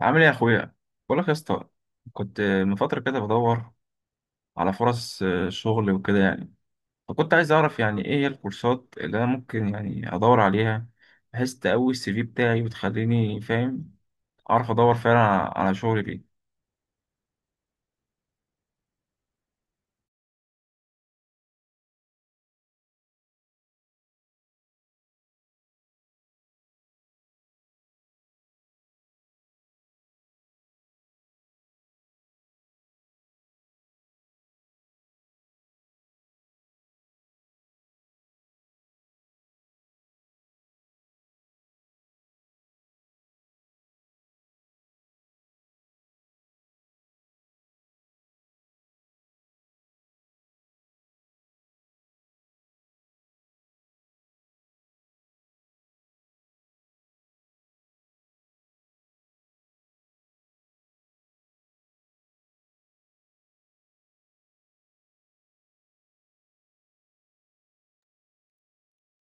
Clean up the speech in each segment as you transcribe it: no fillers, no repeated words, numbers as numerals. عامل ايه يا اخويا؟ بقول لك يا اسطى، كنت من فتره كده بدور على فرص شغل وكده يعني. فكنت عايز اعرف يعني ايه هي الكورسات اللي انا ممكن يعني ادور عليها، بحيث تقوي السي في بتاعي وتخليني فاهم اعرف ادور فعلا على شغل فيه.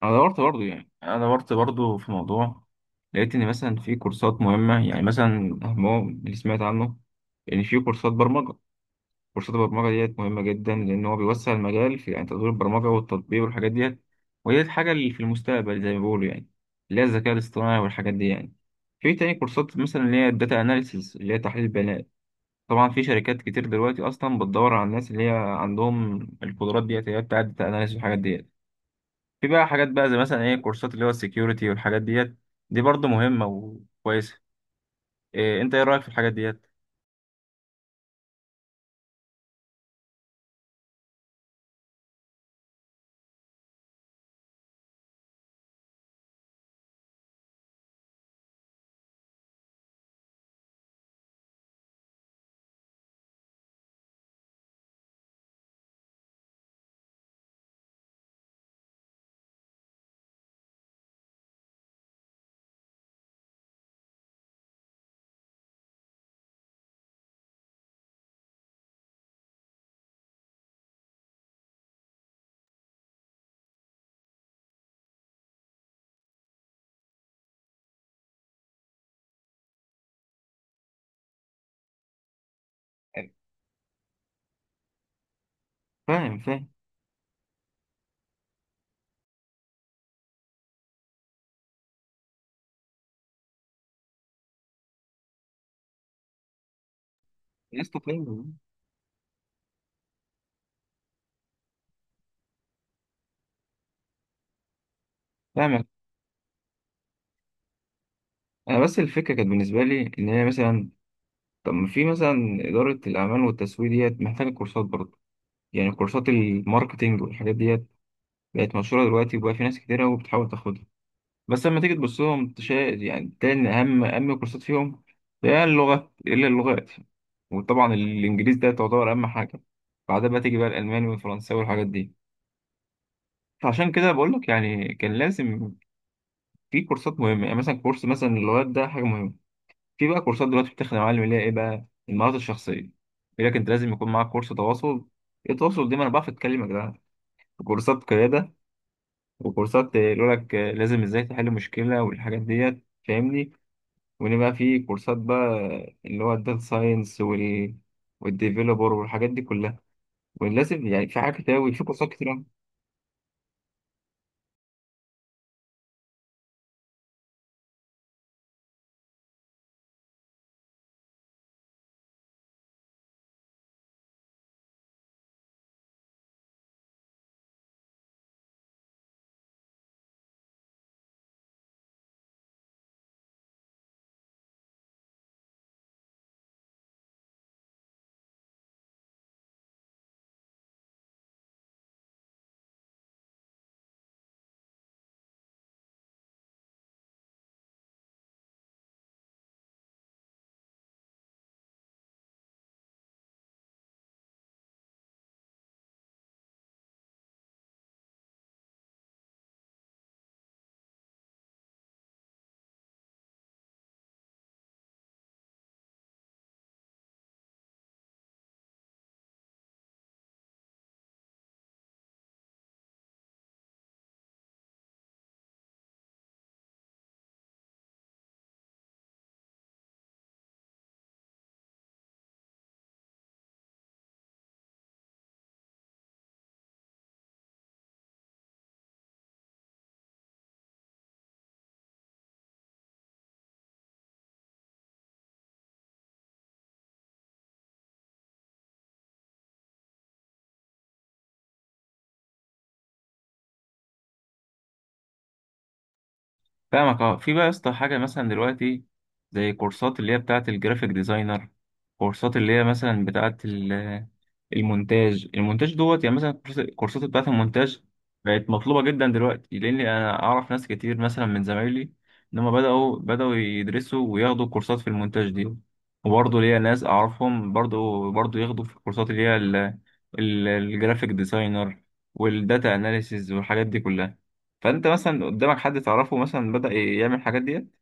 انا دورت برضو في موضوع. لقيت ان مثلا في كورسات مهمه، يعني مثلا هو اللي سمعت عنه ان في كورسات برمجه. كورسات البرمجة ديت مهمة جدا، لأن هو بيوسع المجال في يعني تطوير البرمجة والتطبيق والحاجات ديت. وهي الحاجة اللي في المستقبل زي ما بيقولوا يعني، اللي هي الذكاء الاصطناعي والحاجات دي يعني. في تاني كورسات مثلا اللي هي الداتا أناليسيس، اللي هي تحليل البيانات. طبعا في شركات كتير دلوقتي أصلا بتدور على الناس اللي هي عندهم القدرات ديت، اللي هي بتاعة الداتا أناليسيس والحاجات ديت. في بقى حاجات بقى زي مثلا إيه كورسات اللي هو السكيورتي والحاجات ديت. دي برضه مهمة وكويسة. أنت إيه رأيك في الحاجات ديت؟ فاهم، فاهم يا اسطى. فاهم، فاهم. انا بس الفكره كانت بالنسبه لي ان هي مثلا، طب ما في مثلا اداره الاعمال والتسويق ديت محتاجه كورسات برضه. يعني كورسات الماركتينج والحاجات ديت بقت مشهوره دلوقتي، وبقى في ناس كتيره وبتحاول تاخدها. بس لما تيجي تبص لهم يعني تاني اهم كورسات فيهم هي اللغه الا اللغات. وطبعا الانجليزي ده تعتبر اهم حاجه. بعدها بقى تيجي بقى الالماني والفرنساوي والحاجات دي. فعشان كده بقول لك يعني كان لازم في كورسات مهمه، يعني مثلا كورس مثلا اللغات ده حاجه مهمه. في بقى كورسات دلوقتي بتخدم معلم اللي هي ايه بقى المهارات الشخصيه. يقول لك انت لازم يكون معاك كورس تواصل. ايه التواصل ده، ما انا بعرف اتكلم يا جدعان. وكورسات قياده، وكورسات يقول لك لازم ازاي تحل مشكله والحاجات ديت فاهمني. وان بقى في كورسات بقى اللي هو الداتا ساينس والديفيلوبر والحاجات دي كلها. ولازم يعني في حاجات كتير أوي، في كورسات كتير. فاهمك. اه، في بقى يا اسطى حاجه مثلا دلوقتي زي كورسات اللي هي بتاعه الجرافيك ديزاينر، كورسات اللي هي مثلا بتاعه ال- المونتاج المونتاج دوت يعني مثلا الكورسات بتاعه المونتاج بقت مطلوبه جدا دلوقتي، لان انا اعرف ناس كتير مثلا من زمايلي ان هم بداوا يدرسوا وياخدوا كورسات في المونتاج دي. وبرضه ليا ناس اعرفهم برضه ياخدوا في الكورسات اللي هي الجرافيك ديزاينر والداتا اناليسيز والحاجات دي كلها. فانت مثلا قدامك حد تعرفه مثلا بدأ يعمل الحاجات ديت؟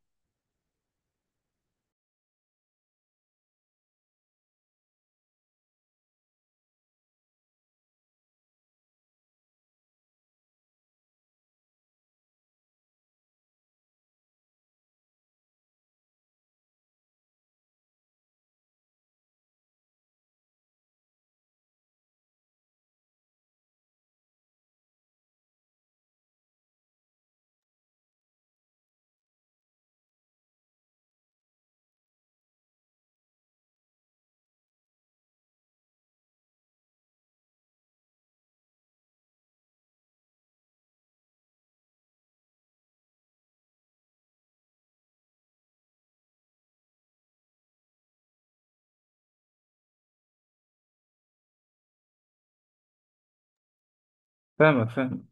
فاهمك، فاهمك.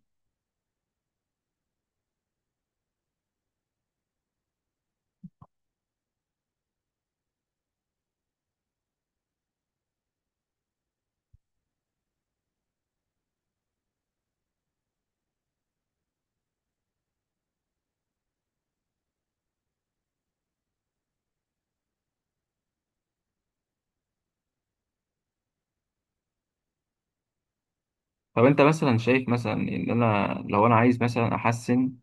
طب انت مثلا شايف مثلا ان انا لو انا عايز مثلا احسن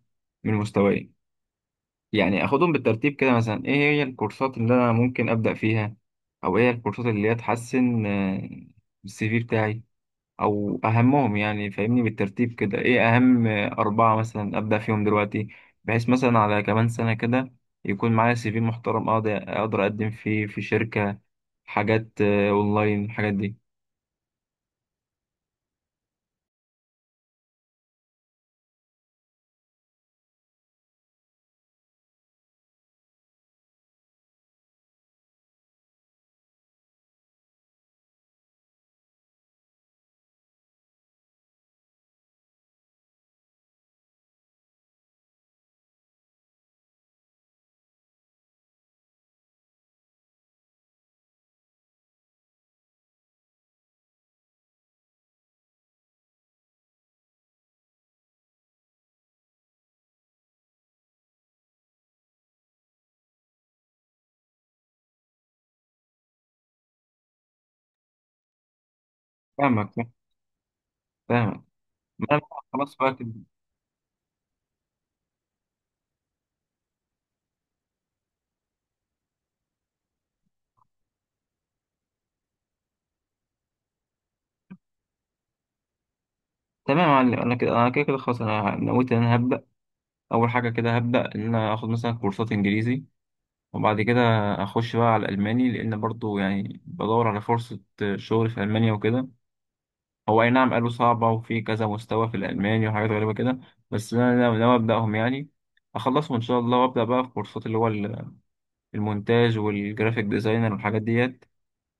من مستواي، يعني اخدهم بالترتيب كده. مثلا ايه هي الكورسات اللي انا ممكن ابدأ فيها؟ او ايه الكورسات اللي هي تحسن السي في بتاعي، او اهمهم يعني؟ فاهمني بالترتيب كده ايه اهم اربعه مثلا ابدا فيهم دلوقتي، بحيث مثلا على كمان سنه كده يكون معايا سي في محترم اقدر اقدم فيه في شركه، حاجات اونلاين الحاجات دي. فاهمك، فاهمك. ما انا بقى خلاص بقى كده. تمام يا معلم. انا كده كده خلاص، انا نويت ان انا هبدا. اول حاجه كده هبدا ان انا اخد مثلا كورسات انجليزي، وبعد كده اخش بقى على الالماني، لان برضو يعني بدور على فرصه شغل في المانيا وكده. هو أي نعم قالوا صعبة وفي كذا مستوى في الألماني وحاجات غريبة كده، بس أنا ناوي ناوي أبدأهم يعني. أخلصهم إن شاء الله وأبدأ بقى في كورسات اللي هو المونتاج والجرافيك ديزاينر والحاجات ديت.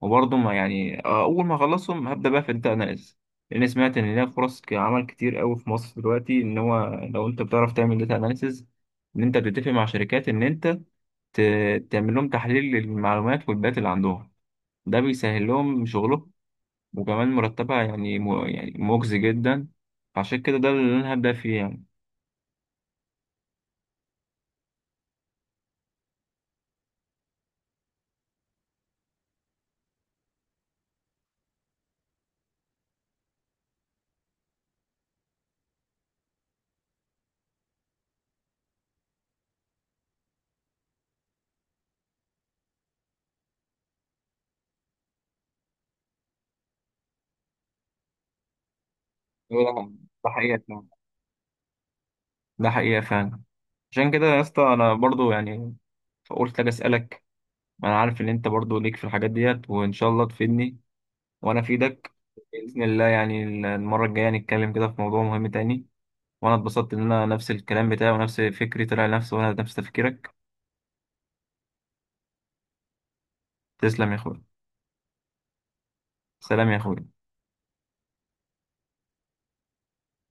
وبرضه ما يعني أول ما أخلصهم هبدأ بقى في الداتا أناليز، لأن سمعت إن ليها فرص عمل كتير أوي في مصر دلوقتي. إن هو لو أنت بتعرف تعمل داتا أناليسز، إن أنت بتتفق مع شركات إن أنت تعمل لهم تحليل للمعلومات والبيانات اللي عندهم. ده بيسهل لهم شغلهم، وكمان مرتبها يعني يعني مجزي جدا. عشان كده ده اللي أنا هبدأ فيه يعني. هو ده. ده حقيقة فعلا، ده حقيقة فعلا. عشان كده يا اسطى أنا برضو يعني قلت أجي أسألك. أنا عارف إن أنت برضو ليك في الحاجات ديت وإن شاء الله تفيدني وأنا أفيدك بإذن الله يعني. المرة الجاية نتكلم كده في موضوع مهم تاني. وأنا اتبسطت إن أنا نفس الكلام بتاعي ونفس فكري طلع نفسي وأنا نفس تفكيرك. تسلم يا أخويا. سلام يا أخويا.